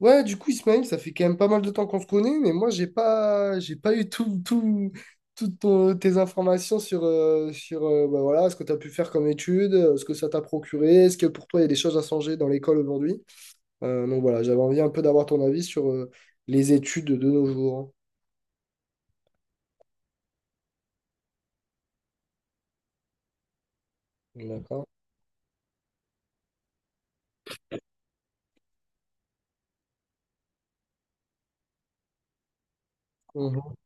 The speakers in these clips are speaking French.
Ouais, du coup, Ismaël, ça fait quand même pas mal de temps qu'on se connaît, mais moi, j'ai pas eu toutes tes informations sur, sur bah voilà, ce que tu as pu faire comme études, ce que ça t'a procuré, est-ce que pour toi, il y a des choses à changer dans l'école aujourd'hui? Donc voilà, j'avais envie un peu d'avoir ton avis sur les études de nos jours. Hein. D'accord. Mhm.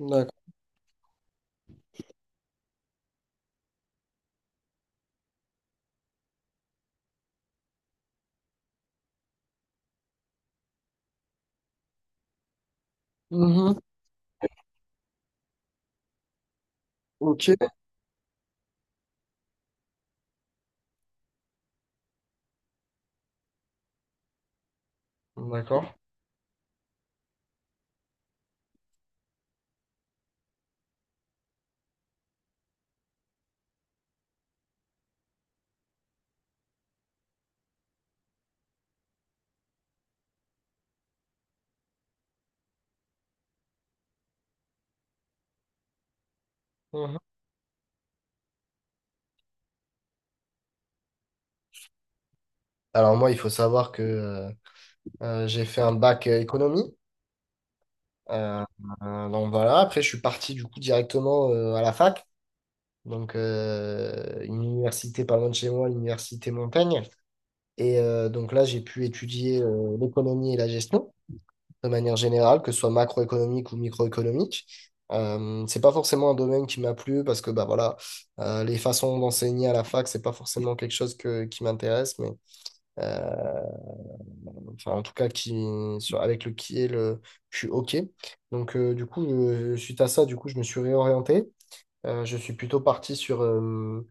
D'accord. Mhm. Ok. D'accord. Mhm. Alors moi, il faut savoir que j'ai fait un bac économie. Euh, donc voilà, après je suis parti du coup directement à la fac, donc une université pas loin de chez moi, l'université Montaigne. Et donc là j'ai pu étudier l'économie et la gestion de manière générale, que ce soit macroéconomique ou microéconomique. C'est pas forcément un domaine qui m'a plu parce que bah voilà, les façons d'enseigner à la fac, c'est pas forcément quelque chose qui m'intéresse, mais euh, enfin en tout cas qui sur- avec le qui est le je suis OK. Donc du coup je- suite à ça du coup je me suis réorienté. Je suis plutôt parti sur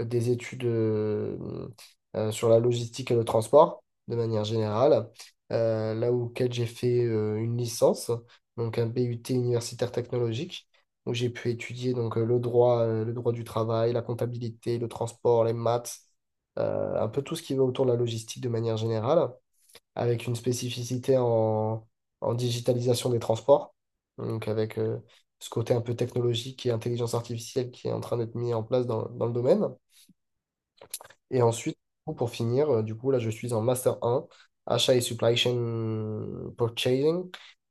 des études sur la logistique et le transport de manière générale. Là auquel j'ai fait une licence, donc un BUT universitaire technologique où j'ai pu étudier donc le droit du travail, la comptabilité, le transport, les maths, un peu tout ce qui va autour de la logistique de manière générale avec une spécificité en digitalisation des transports, donc avec ce côté un peu technologique et intelligence artificielle qui est en train d'être mis en place dans le domaine. Et ensuite, pour finir, du coup, là, je suis en Master un achat et supply chain purchasing.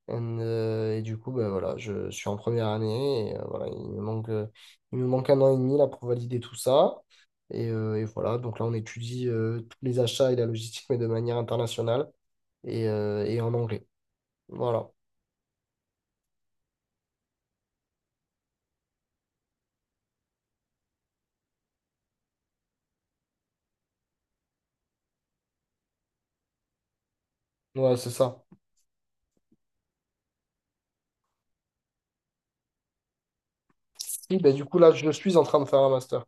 And, et du coup, ben, voilà, je suis en première année et voilà, il me manque un an et demi là, pour valider tout ça. Et voilà, donc là, on étudie tous les achats et la logistique, mais de manière internationale et en anglais. Voilà, ouais, c'est ça. Oui, ben, du coup, là, je suis en train de faire un master.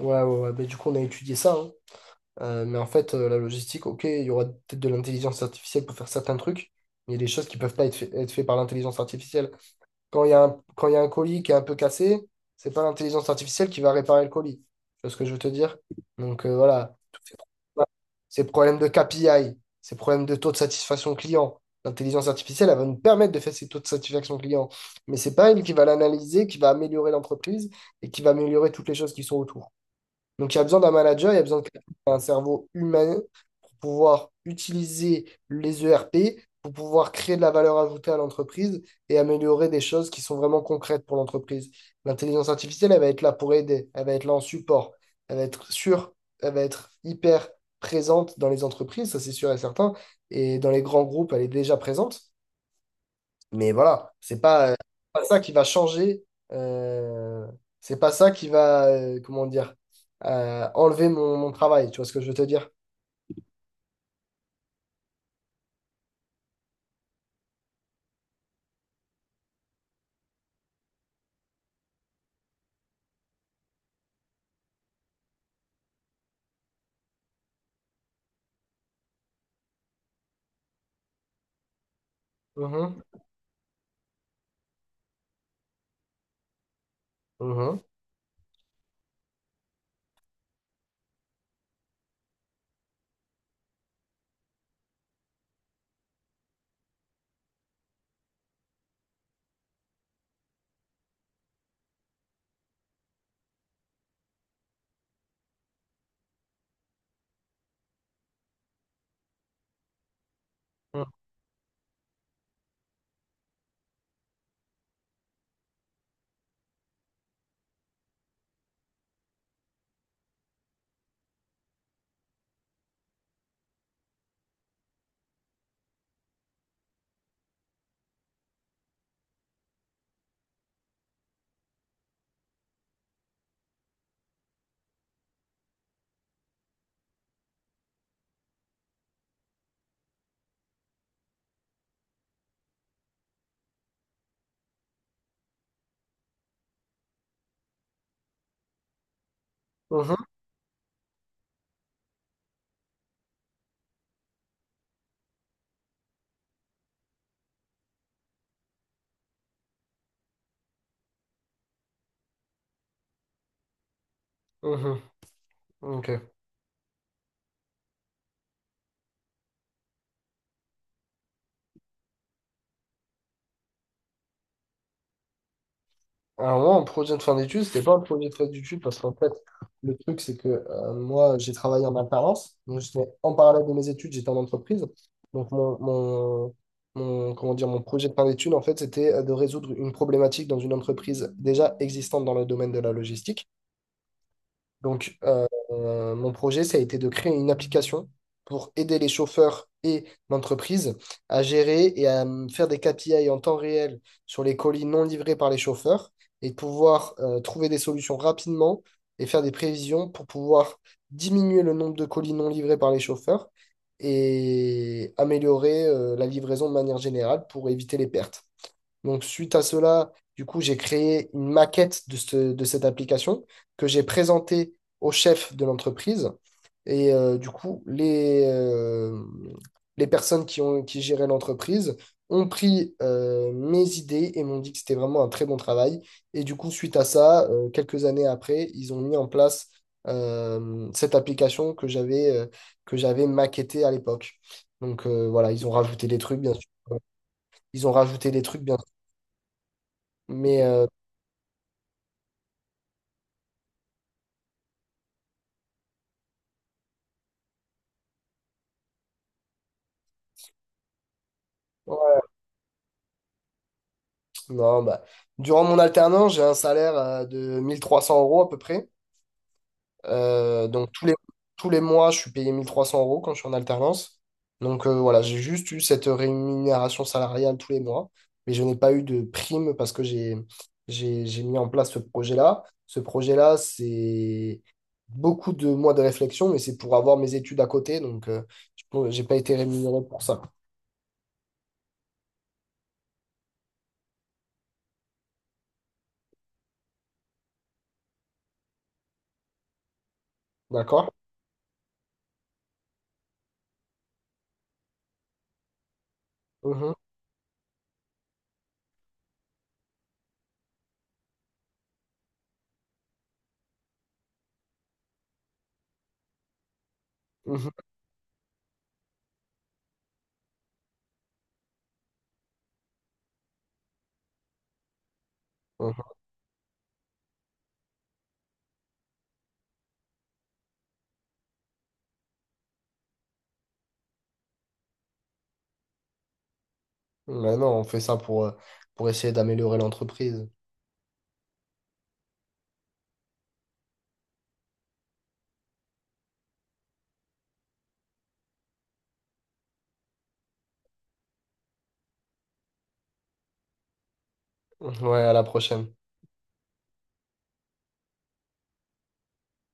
Ouais, ouais, ouais, ben, du coup, on a étudié ça. Hein. Mais en fait, la logistique, ok, il y aura peut-être de l'intelligence artificielle pour faire certains trucs, mais il y a des choses qui peuvent pas être faites par l'intelligence artificielle. Quand il y a un colis qui est un peu cassé, c'est pas l'intelligence artificielle qui va réparer le colis. Tu vois ce que je veux te dire? Donc voilà, tous ces problèmes-là, ces problèmes de KPI, ces problèmes de taux de satisfaction client, l'intelligence artificielle, elle va nous permettre de faire ces taux de satisfaction client, mais c'est pas elle qui va l'analyser, qui va améliorer l'entreprise et qui va améliorer toutes les choses qui sont autour. Donc, il y a besoin d'un manager, il y a besoin de quelqu'un qui a un cerveau humain pour pouvoir utiliser les ERP, pour pouvoir créer de la valeur ajoutée à l'entreprise et améliorer des choses qui sont vraiment concrètes pour l'entreprise. L'intelligence artificielle, elle va être là pour aider, elle va être là en support, elle va être sûre, elle va être hyper présente dans les entreprises, ça c'est sûr et certain, et dans les grands groupes, elle est déjà présente. Mais voilà, c'est pas, pas ça qui va changer. euh, c'est pas ça qui va, comment dire, enlever mon travail. Tu vois ce que je veux te dire? Mhm, mhm, mhm, mhm, mhm. Ok. Alors moi, en projet de fin d'études, c'était pas un projet de fin d'études parce qu'en fait, le truc, c'est que moi, j'ai travaillé en alternance. Donc, j'étais en parallèle de mes études, j'étais en entreprise. Donc, comment dire, mon projet de fin d'études, en fait, c'était de résoudre une problématique dans une entreprise déjà existante dans le domaine de la logistique. Donc, mon projet, ça a été de créer une application pour aider les chauffeurs et l'entreprise à gérer et à faire des KPI en temps réel sur les colis non livrés par les chauffeurs et de pouvoir trouver des solutions rapidement et faire des prévisions pour pouvoir diminuer le nombre de colis non livrés par les chauffeurs et améliorer la livraison de manière générale pour éviter les pertes. Donc, suite à cela, du coup, j'ai créé une maquette de cette application que j'ai présentée au chef de l'entreprise. Et du coup, les personnes qui géraient l'entreprise ont pris mes idées et m'ont dit que c'était vraiment un très bon travail. Et du coup, suite à ça, quelques années après, ils ont mis en place cette application que j'avais maquettée à l'époque. Donc voilà, ils ont rajouté des trucs, bien sûr. Ils ont rajouté des trucs, bien mais ouais, non, bah, durant mon alternance, j'ai un salaire de 1300 € à peu près. Donc tous les mois, je suis payé 1300 € quand je suis en alternance. Donc voilà, j'ai juste eu cette rémunération salariale tous les mois. Mais je n'ai pas eu de prime parce que j'ai mis en place ce projet-là. Ce projet-là, c'est beaucoup de mois de réflexion, mais c'est pour avoir mes études à côté. Donc je n'ai pas été rémunéré pour ça. D'accord? Mhm, mhm, mhm. Mais non, on fait ça pour essayer d'améliorer l'entreprise. Ouais, à la prochaine.